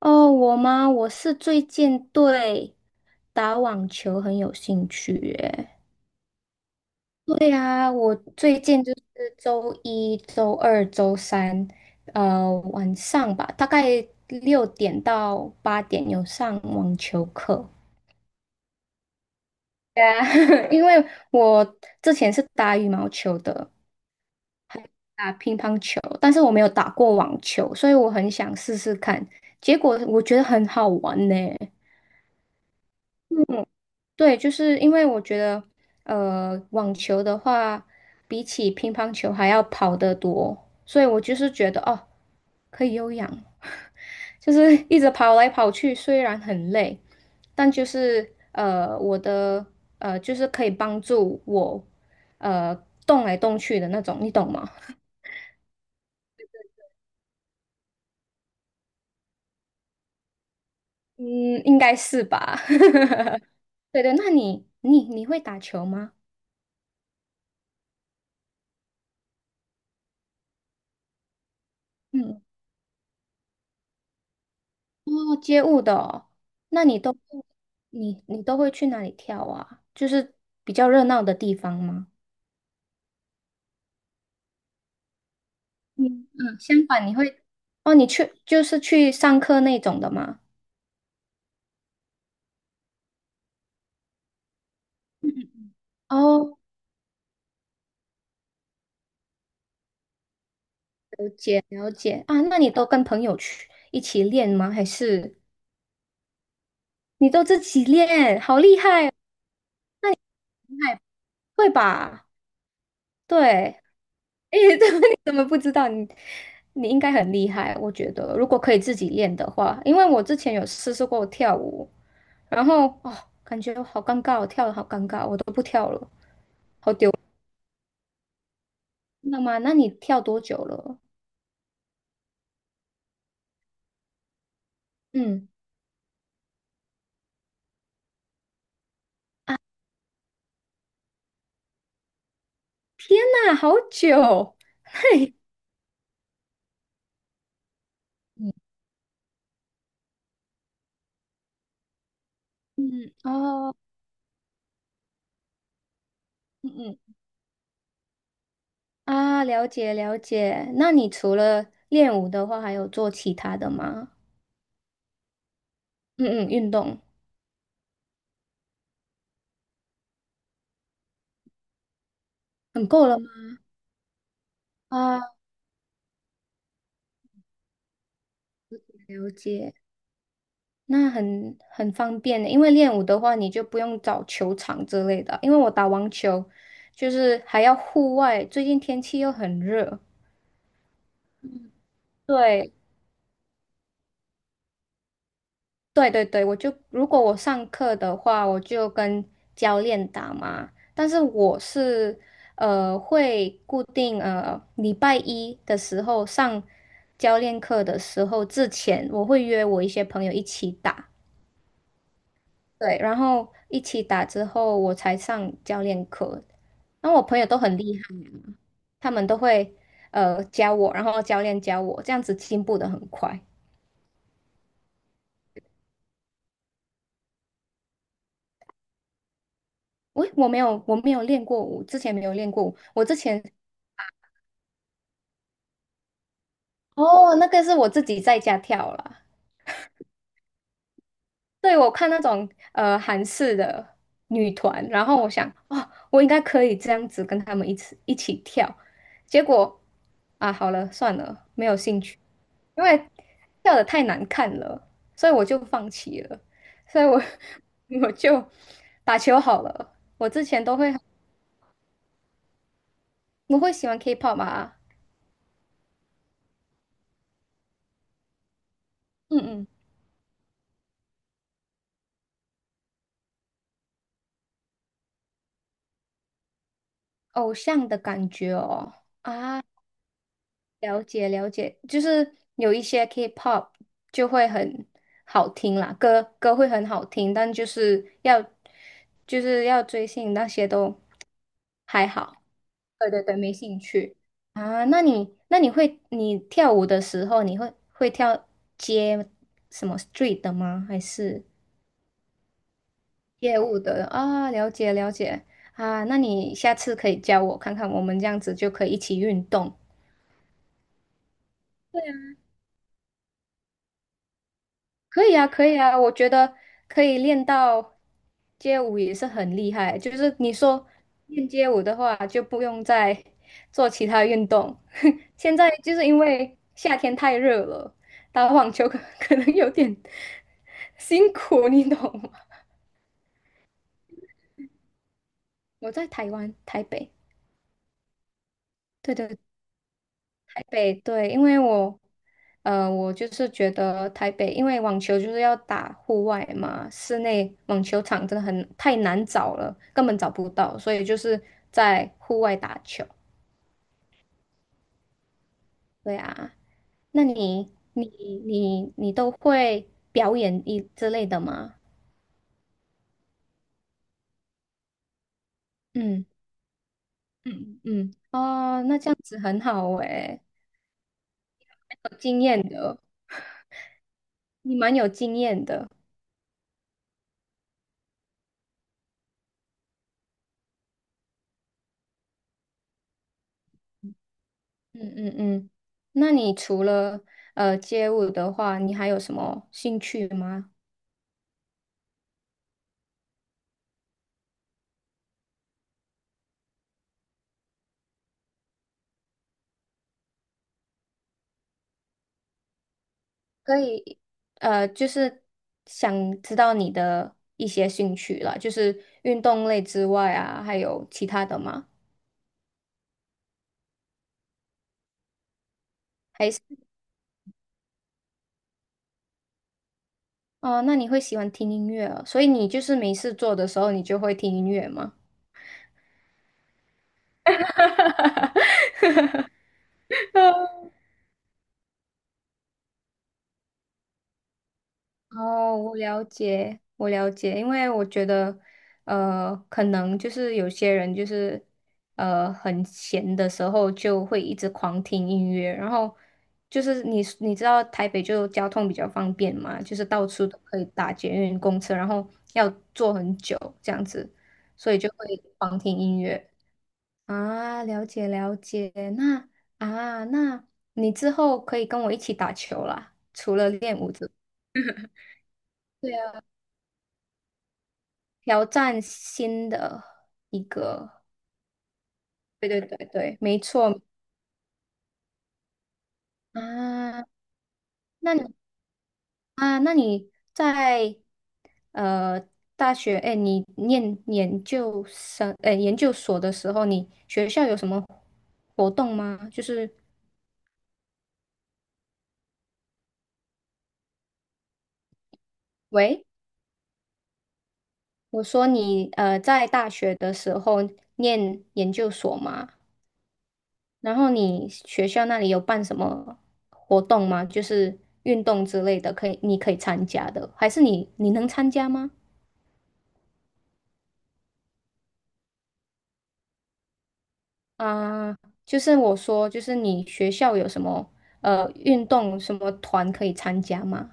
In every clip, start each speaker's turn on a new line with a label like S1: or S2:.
S1: 哦，我吗？我是最近对打网球很有兴趣耶。对啊，我最近就是周一周二周三，晚上吧，大概6点到8点有上网球课。对啊，因为我之前是打羽毛球的，打乒乓球，但是我没有打过网球，所以我很想试试看。结果我觉得很好玩呢。嗯对，就是因为我觉得，网球的话，比起乒乓球还要跑得多，所以我就是觉得哦，可以有氧，就是一直跑来跑去，虽然很累，但就是我的就是可以帮助我呃动来动去的那种，你懂吗？嗯，应该是吧。对对，那你会打球吗？嗯。哦，街舞的哦，那你都会去哪里跳啊？就是比较热闹的地方吗？嗯嗯，相反你会哦，你去就是去上课那种的吗？哦，了解了解啊，那你都跟朋友去一起练吗？还是你都自己练？好厉害哦，厉害会吧？对，诶，怎么你怎么不知道？你应该很厉害，我觉得如果可以自己练的话，因为我之前有试试过跳舞。然后哦，感觉好尴尬哦，我跳的好尴尬，我都不跳了。那吗？那你跳多久了？嗯，那好久。对嗯，嗯，哦，嗯嗯啊，了解了解。那你除了练舞的话，还有做其他的吗？嗯嗯，运动很够了吗？啊，了解。那很方便的，因为练舞的话，你就不用找球场之类的。因为我打网球，就是还要户外，最近天气又很热，对，对对对，我就如果我上课的话，我就跟教练打嘛。但是我是会固定礼拜一的时候上教练课的时候之前，我会约我一些朋友一起打，对，然后一起打之后我才上教练课。然后我朋友都很厉害，他们都会教我，然后教练教我，这样子进步的很快。我没有练过舞，之前没有练过舞，我之前哦，那个是我自己在家跳啦。对，我看那种韩式的女团，然后我想，哦，我应该可以这样子跟他们一起跳。结果啊，好了，算了，没有兴趣，因为跳的太难看了，所以我就放弃了。所以我 我就打球好了。我之前都会我会喜欢 K-pop 嘛，嗯嗯，偶像的感觉哦啊。了解了解，就是有一些 K-pop 就会很好听啦，歌会很好听，但就是要就是要追星那些都还好。对对对，没兴趣啊。那你那你会你跳舞的时候，你会跳街什么 street 的吗？还是街舞的啊？了解了解啊。那你下次可以教我看看，我们这样子就可以一起运动。可以啊，可以啊，我觉得可以练到街舞也是很厉害。就是你说练街舞的话，就不用再做其他运动。现在就是因为夏天太热了，打网球可 可能有点 辛苦，你懂吗？我在台湾台北，对对台北对，因为我，我就是觉得台北，因为网球就是要打户外嘛，室内网球场真的很太难找了，根本找不到，所以就是在户外打球。对啊，那你都会表演一之类的吗？嗯嗯嗯，哦，那这样子很好诶，有经验的，你蛮有经验的。嗯嗯嗯，那你除了街舞的话，你还有什么兴趣吗？可以，就是想知道你的一些兴趣啦，就是运动类之外啊，还有其他的吗？还是哦，那你会喜欢听音乐哦，所以你就是没事做的时候，你就会听音乐吗？哦，我了解，我了解，因为我觉得，可能就是有些人就是，很闲的时候就会一直狂听音乐，然后就是你知道台北就交通比较方便嘛，就是到处都可以打捷运、公车，然后要坐很久这样子，所以就会狂听音乐啊，了解了解，那啊，那你之后可以跟我一起打球啦，除了练舞之外。对啊挑战新的一个，对对对对，没错啊。那你啊，那你在呃大学，哎，你念研究生，哎，研究所的时候，你学校有什么活动吗？就是，喂，我说你在大学的时候念研究所吗？然后你学校那里有办什么活动吗？就是运动之类的，可以你可以参加的，还是你能参加吗？啊、就是我说，就是你学校有什么运动什么团可以参加吗？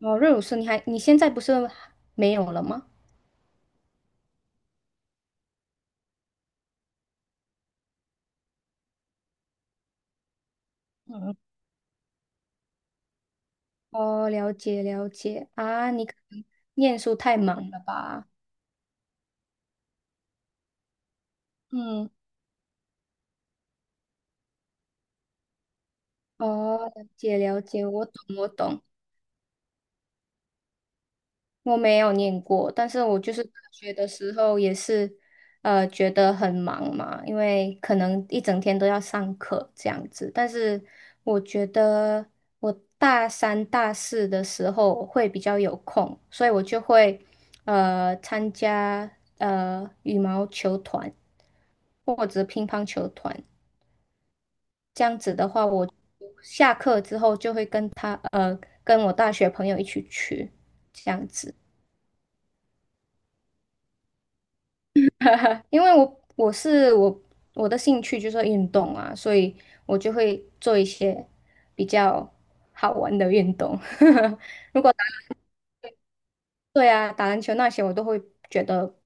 S1: 哦，热舞社你还你现在不是没有了吗？嗯，哦，了解了解啊，你可能念书太忙了吧？嗯，哦，了解了解，我懂我懂。我没有念过，但是我就是大学的时候也是，觉得很忙嘛，因为可能一整天都要上课这样子。但是我觉得我大三、大四的时候会比较有空，所以我就会参加羽毛球团或者乒乓球团。这样子的话，我下课之后就会跟我大学朋友一起去这样子。哈哈，因为我我是我我的兴趣就是运动啊，所以我就会做一些比较好玩的运动。如果对啊，打篮球那些我都会觉得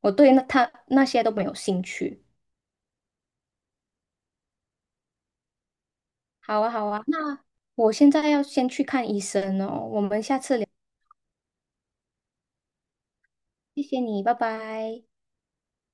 S1: 我对那他那些都没有兴趣。好啊，好啊，那我现在要先去看医生哦，我们下次聊，谢谢你，拜拜。